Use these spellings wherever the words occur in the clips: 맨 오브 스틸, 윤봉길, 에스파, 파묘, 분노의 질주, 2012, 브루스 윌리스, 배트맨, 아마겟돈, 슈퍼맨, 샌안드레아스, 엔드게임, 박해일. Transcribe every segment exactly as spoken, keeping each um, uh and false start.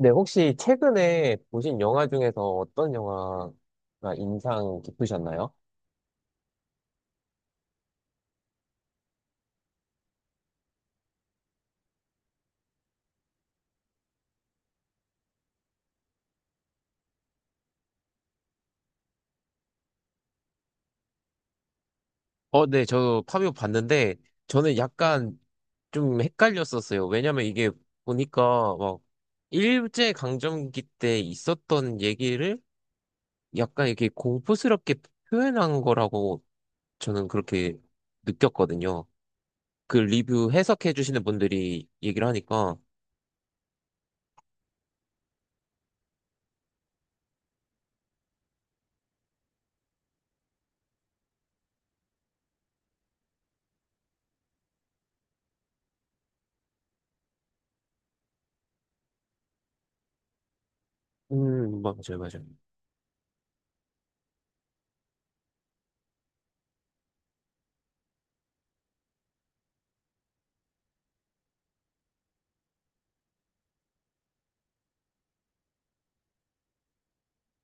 네, 혹시 최근에 보신 영화 중에서 어떤 영화가 인상 깊으셨나요? 어, 네, 저 파비오 봤는데 저는 약간 좀 헷갈렸었어요. 왜냐면 이게 보니까 막 일제 강점기 때 있었던 얘기를 약간 이렇게 공포스럽게 표현한 거라고 저는 그렇게 느꼈거든요. 그 리뷰 해석해 주시는 분들이 얘기를 하니까. 음, 맞아요, 맞아요.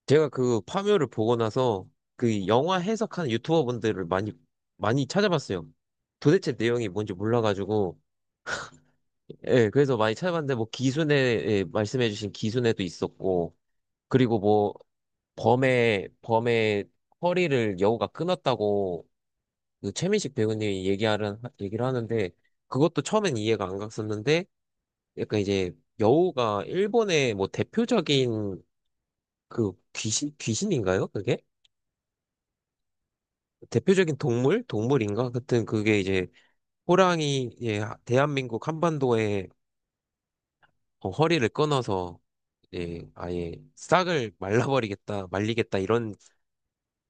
제가 그 파묘를 보고 나서 그 영화 해석하는 유튜버분들을 많이 많이 찾아봤어요. 도대체 내용이 뭔지 몰라가지고 예, 그래서 많이 찾아봤는데 뭐 기순에 예, 말씀해주신 기순에도 있었고 그리고 뭐 범의 범의 허리를 여우가 끊었다고 그 최민식 배우님이 얘기하는 얘기를 하는데, 그것도 처음엔 이해가 안 갔었는데 약간 이제 여우가 일본의 뭐 대표적인 그 귀신 귀신인가요? 그게? 대표적인 동물? 동물인가? 하여튼 그게 이제 호랑이, 예, 대한민국 한반도에 어, 허리를 끊어서 예, 아예 싹을 말라버리겠다, 말리겠다 이런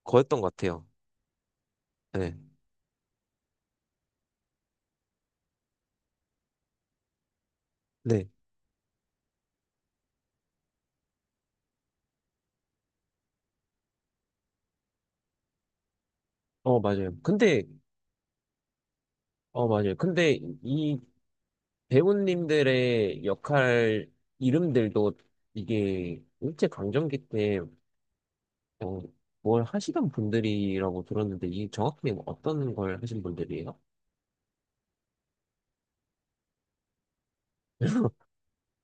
거였던 것 같아요. 네. 네. 어, 맞아요. 근데, 어, 맞아요. 근데 이 배우님들의 역할 이름들도 이게 일제강점기 때, 어, 뭘 하시던 분들이라고 들었는데 이 정확히 어떤 걸 하신 분들이에요?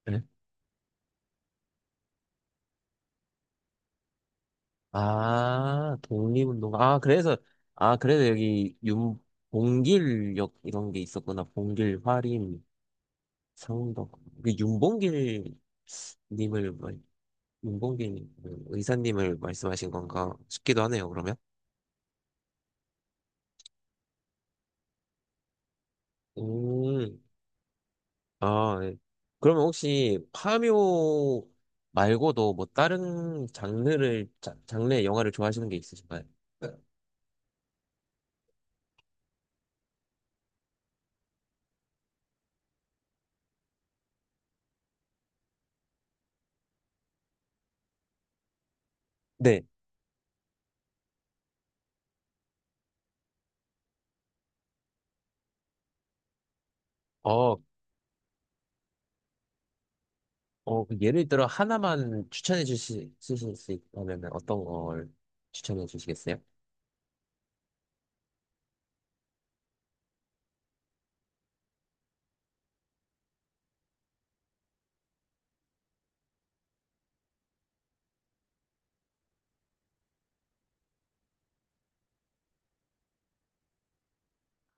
네. 아, 독립운동. 아, 그래서, 아, 그래서 여기 윤, 봉길역 이런 게 있었구나. 봉길, 화림, 상덕. 그 윤봉길 님을, 말- 윤봉길 그 의사님을 말씀하신 건가 싶기도 하네요, 그러면. 음, 아, 예. 그러면 혹시 파묘 말고도 뭐 다른 장르를, 자- 장르의 영화를 좋아하시는 게 있으신가요? 네. 어, 어, 그 예를 들어 하나만 추천해 주실 수 있다면 어떤 걸 추천해 주시겠어요?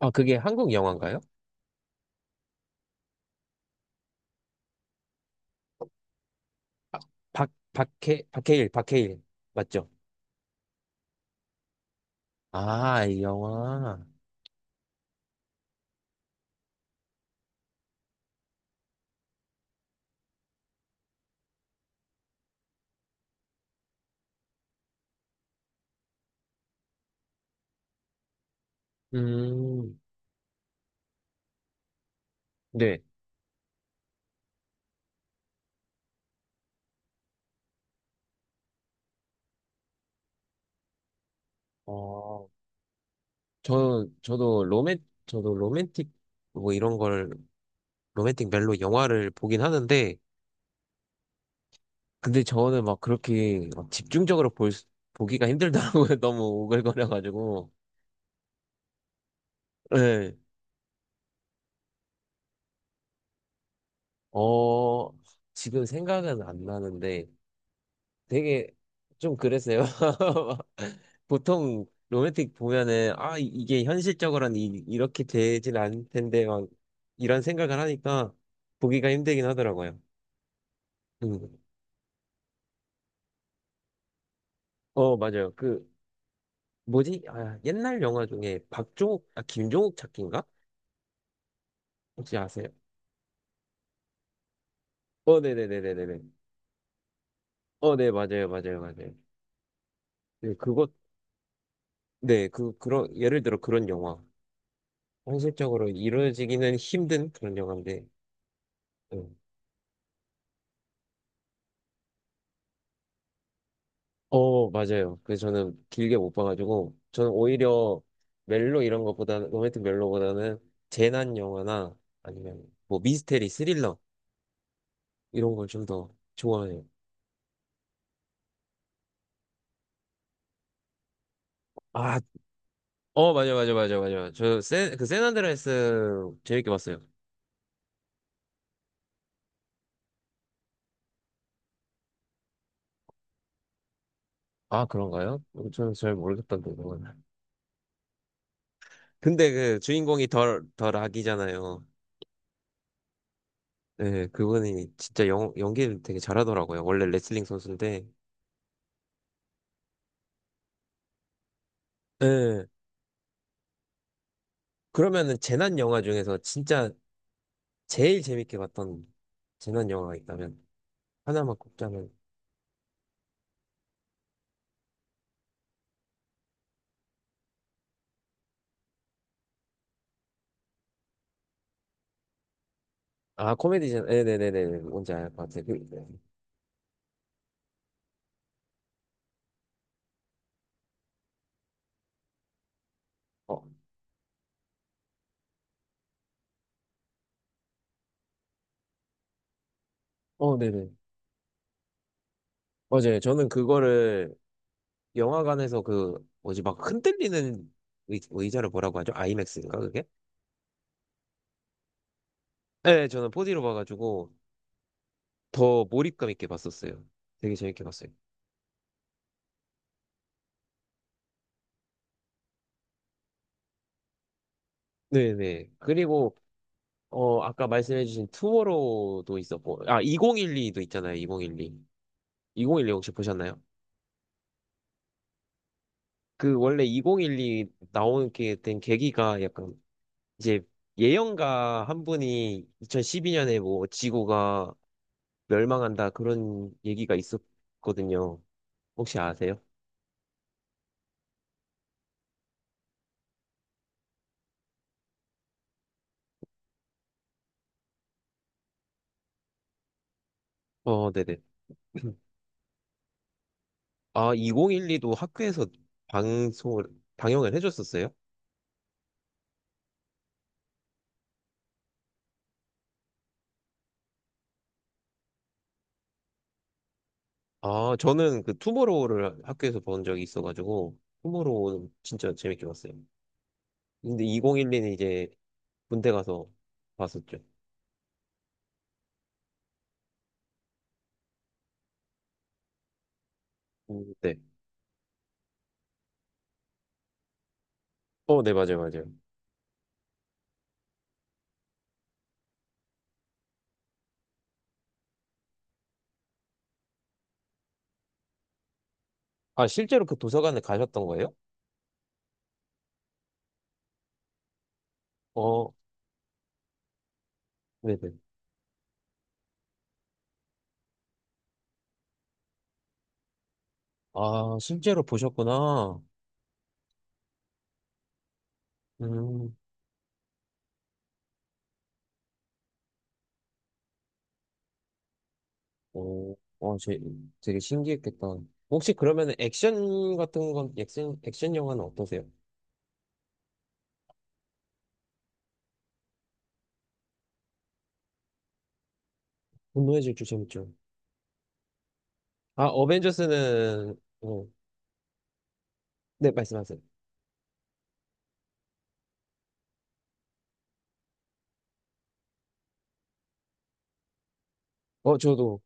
아, 그게 한국 영화인가요? 아, 박, 박해, 박해일, 박해일. 맞죠? 아, 이 영화. 음, 네. 어, 저, 저도 로맨, 저도 로맨틱, 뭐 이런 걸, 로맨틱 멜로 영화를 보긴 하는데, 근데 저는 막 그렇게 막 집중적으로 볼, 수- 보기가 힘들더라고요. 너무 오글거려가지고. 어, 지금 생각은 안 나는데 되게 좀 그랬어요. 보통 로맨틱 보면은 아, 이- 이게 현실적으로는 이, 이렇게 되진 않을 텐데 막 이런 생각을 하니까 보기가 힘들긴 하더라고요. 음. 어, 맞아요. 그 뭐지? 아, 옛날 영화 중에 박종욱, 아, 김종욱 찾기인가? 혹시 아세요? 어, 네네네네네네. 어, 네, 맞아요, 맞아요, 맞아요. 네, 그것, 네, 그, 그런, 예를 들어 그런 영화. 현실적으로 이루어지기는 힘든 그런 영화인데. 음. 어, 맞아요. 그래서 저는 길게 못 봐가지고, 저는 오히려 멜로 이런 것보다는, 로맨틱 멜로보다는 재난 영화나 아니면 뭐 미스테리, 스릴러 이런 걸 좀 더 좋아해요. 아, 어, 맞아, 맞아, 맞아, 맞아. 저, 세, 그, 샌안드레아스 재밌게 봤어요. 아, 그런가요? 저는 잘 모르겠던데, 그건. 근데 그 주인공이 덜, 덜 악이잖아요. 네, 그분이 진짜 연, 연기를 되게 잘하더라고요. 원래 레슬링 선수인데, 예. 그러면은 재난 영화 중에서 진짜 제일 재밌게 봤던 재난 영화가 있다면 하나만 꼽자면, 아, 코미디잖아. 네네네네. 뭔지 알 것 같아요. 그, 네. 어, 어, 네네. 맞아요. 저는 그거를 영화관에서 그 뭐지 막 흔들리는 의, 의자를 뭐라고 하죠? 아이맥스인가 그게? 네, 저는 포디로 봐가지고 더 몰입감 있게 봤었어요. 되게 재밌게 봤어요. 네네. 그리고 어 아까 말씀해주신 투모로우도 있었고 아, 이천십이도 있잖아요. 이천십이. 이천십이 혹시 보셨나요? 그 원래 이천십이 나오게 된 계기가 약간 이제 예언가 한 분이 이천십이 년에 뭐 지구가 멸망한다 그런 얘기가 있었거든요. 혹시 아세요? 어, 네네. 아, 이천십이도 학교에서 방송을, 방영을 해줬었어요? 아, 저는 그 투모로우를 학교에서 본 적이 있어가지고, 투모로우는 진짜 재밌게 봤어요. 근데 이천십이는 이제 군대 가서 봤었죠. 음, 네. 어, 네, 맞아요, 맞아요. 아, 실제로 그 도서관에 가셨던 거예요? 어, 네네. 아, 실제로 보셨구나. 음, 어, 어, 제, 되게 신기했겠다. 혹시 그러면 액션 같은 건, 액션, 액션 영화는 어떠세요? 분노의 질주 재밌죠. 아, 어벤져스는, 어, 네, 말씀하세요. 어, 저도,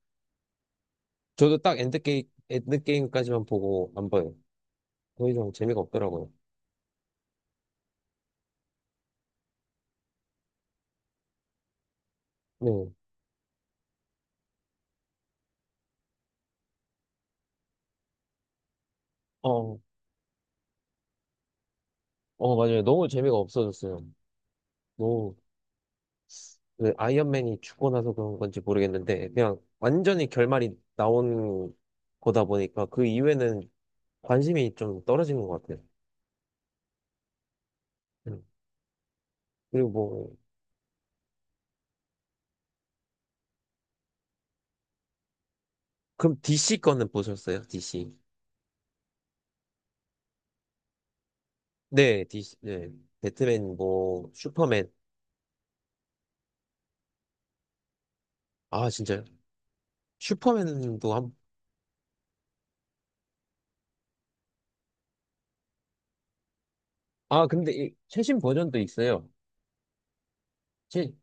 저도 딱 엔드게임, 엔드게임까지만 보고 안 봐요. 더 이상 재미가 없더라고요. 네. 어, 어, 맞아요. 너무 재미가 없어졌어요. 너무. 그 아이언맨이 죽고 나서 그런 건지 모르겠는데 그냥 완전히 결말이 나온 거다 보니까 그 이후에는 관심이 좀 떨어진 것 같아요. 음. 그리고 뭐 그럼 디씨 거는 보셨어요? 디씨. 네, 디씨. 네. 배트맨 뭐 슈퍼맨. 아, 진짜요? 슈퍼맨도 한. 아, 근데 이 최신 버전도 있어요. 최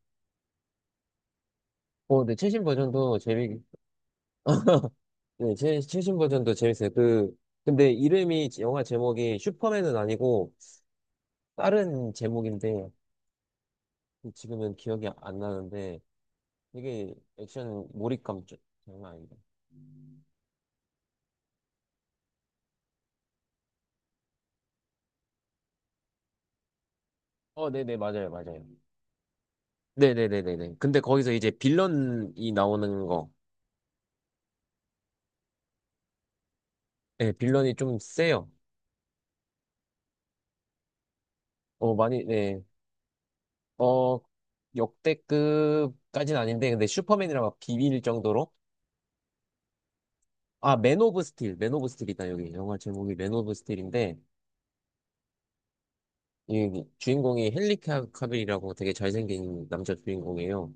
어, 네, 최신 버전도 재미 네, 최, 최신 버전도 재밌어요. 그 근데 이름이 영화 제목이 슈퍼맨은 아니고 다른 제목인데 지금은 기억이 안 나는데 되게 액션 몰입감 좀 장난 아니다. 어, 네네, 맞아요, 맞아요. 네네네네네. 근데 거기서 이제 빌런이 나오는 거. 네, 빌런이 좀 세요. 어, 많이, 네. 어, 역대급까지는 아닌데, 근데 슈퍼맨이랑 막 비빌 정도로. 아, 맨 오브 스틸, 맨 오브 스틸이다, 여기. 영화 제목이 맨 오브 스틸인데, 이 주인공이 헨리 카빌이라고 되게 잘생긴 남자 주인공이에요.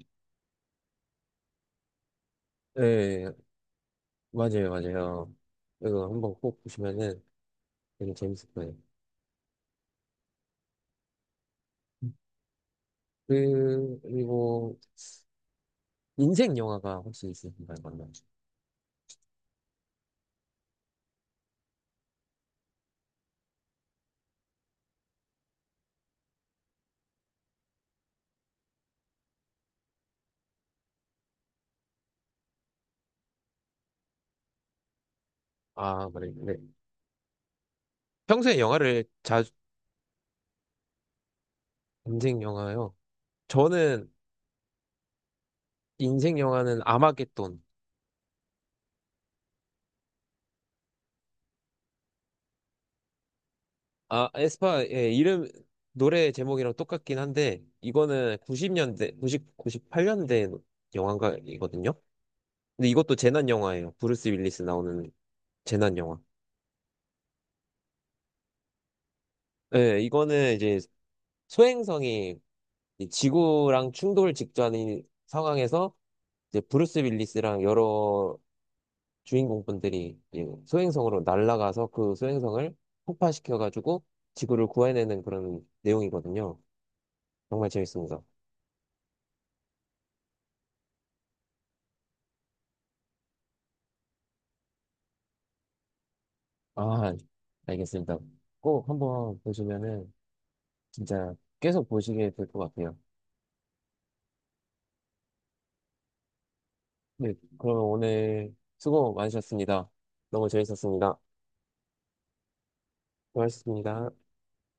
네, 맞아요, 맞아요. 이거 한번 꼭 보시면은 되게 재밌을 거예요. 그, 그리고 인생 영화가 혹시 있으신가요? 맞나요? 아, 그래요. 네. 평소에 영화를 자주 인생 영화요. 저는 인생 영화는 아마겟돈. 아, 에스파 예, 이름 노래 제목이랑 똑같긴 한데 이거는 구십 년대, 구 구십팔 년대 영화가이거든요. 근데 이것도 재난 영화예요. 브루스 윌리스 나오는 재난 영화. 예, 이거는 이제 소행성이 이 지구랑 충돌 직전인 상황에서 이제 브루스 윌리스랑 여러 주인공분들이 이 소행성으로 날아가서 그 소행성을 폭파시켜가지고 지구를 구해내는 그런 내용이거든요. 정말 재밌습니다. 아, 알겠습니다. 꼭 한번 보시면은 진짜 계속 보시게 될 것 같아요. 네, 그러면 오늘 수고 많으셨습니다. 너무 재밌었습니다. 고맙습니다.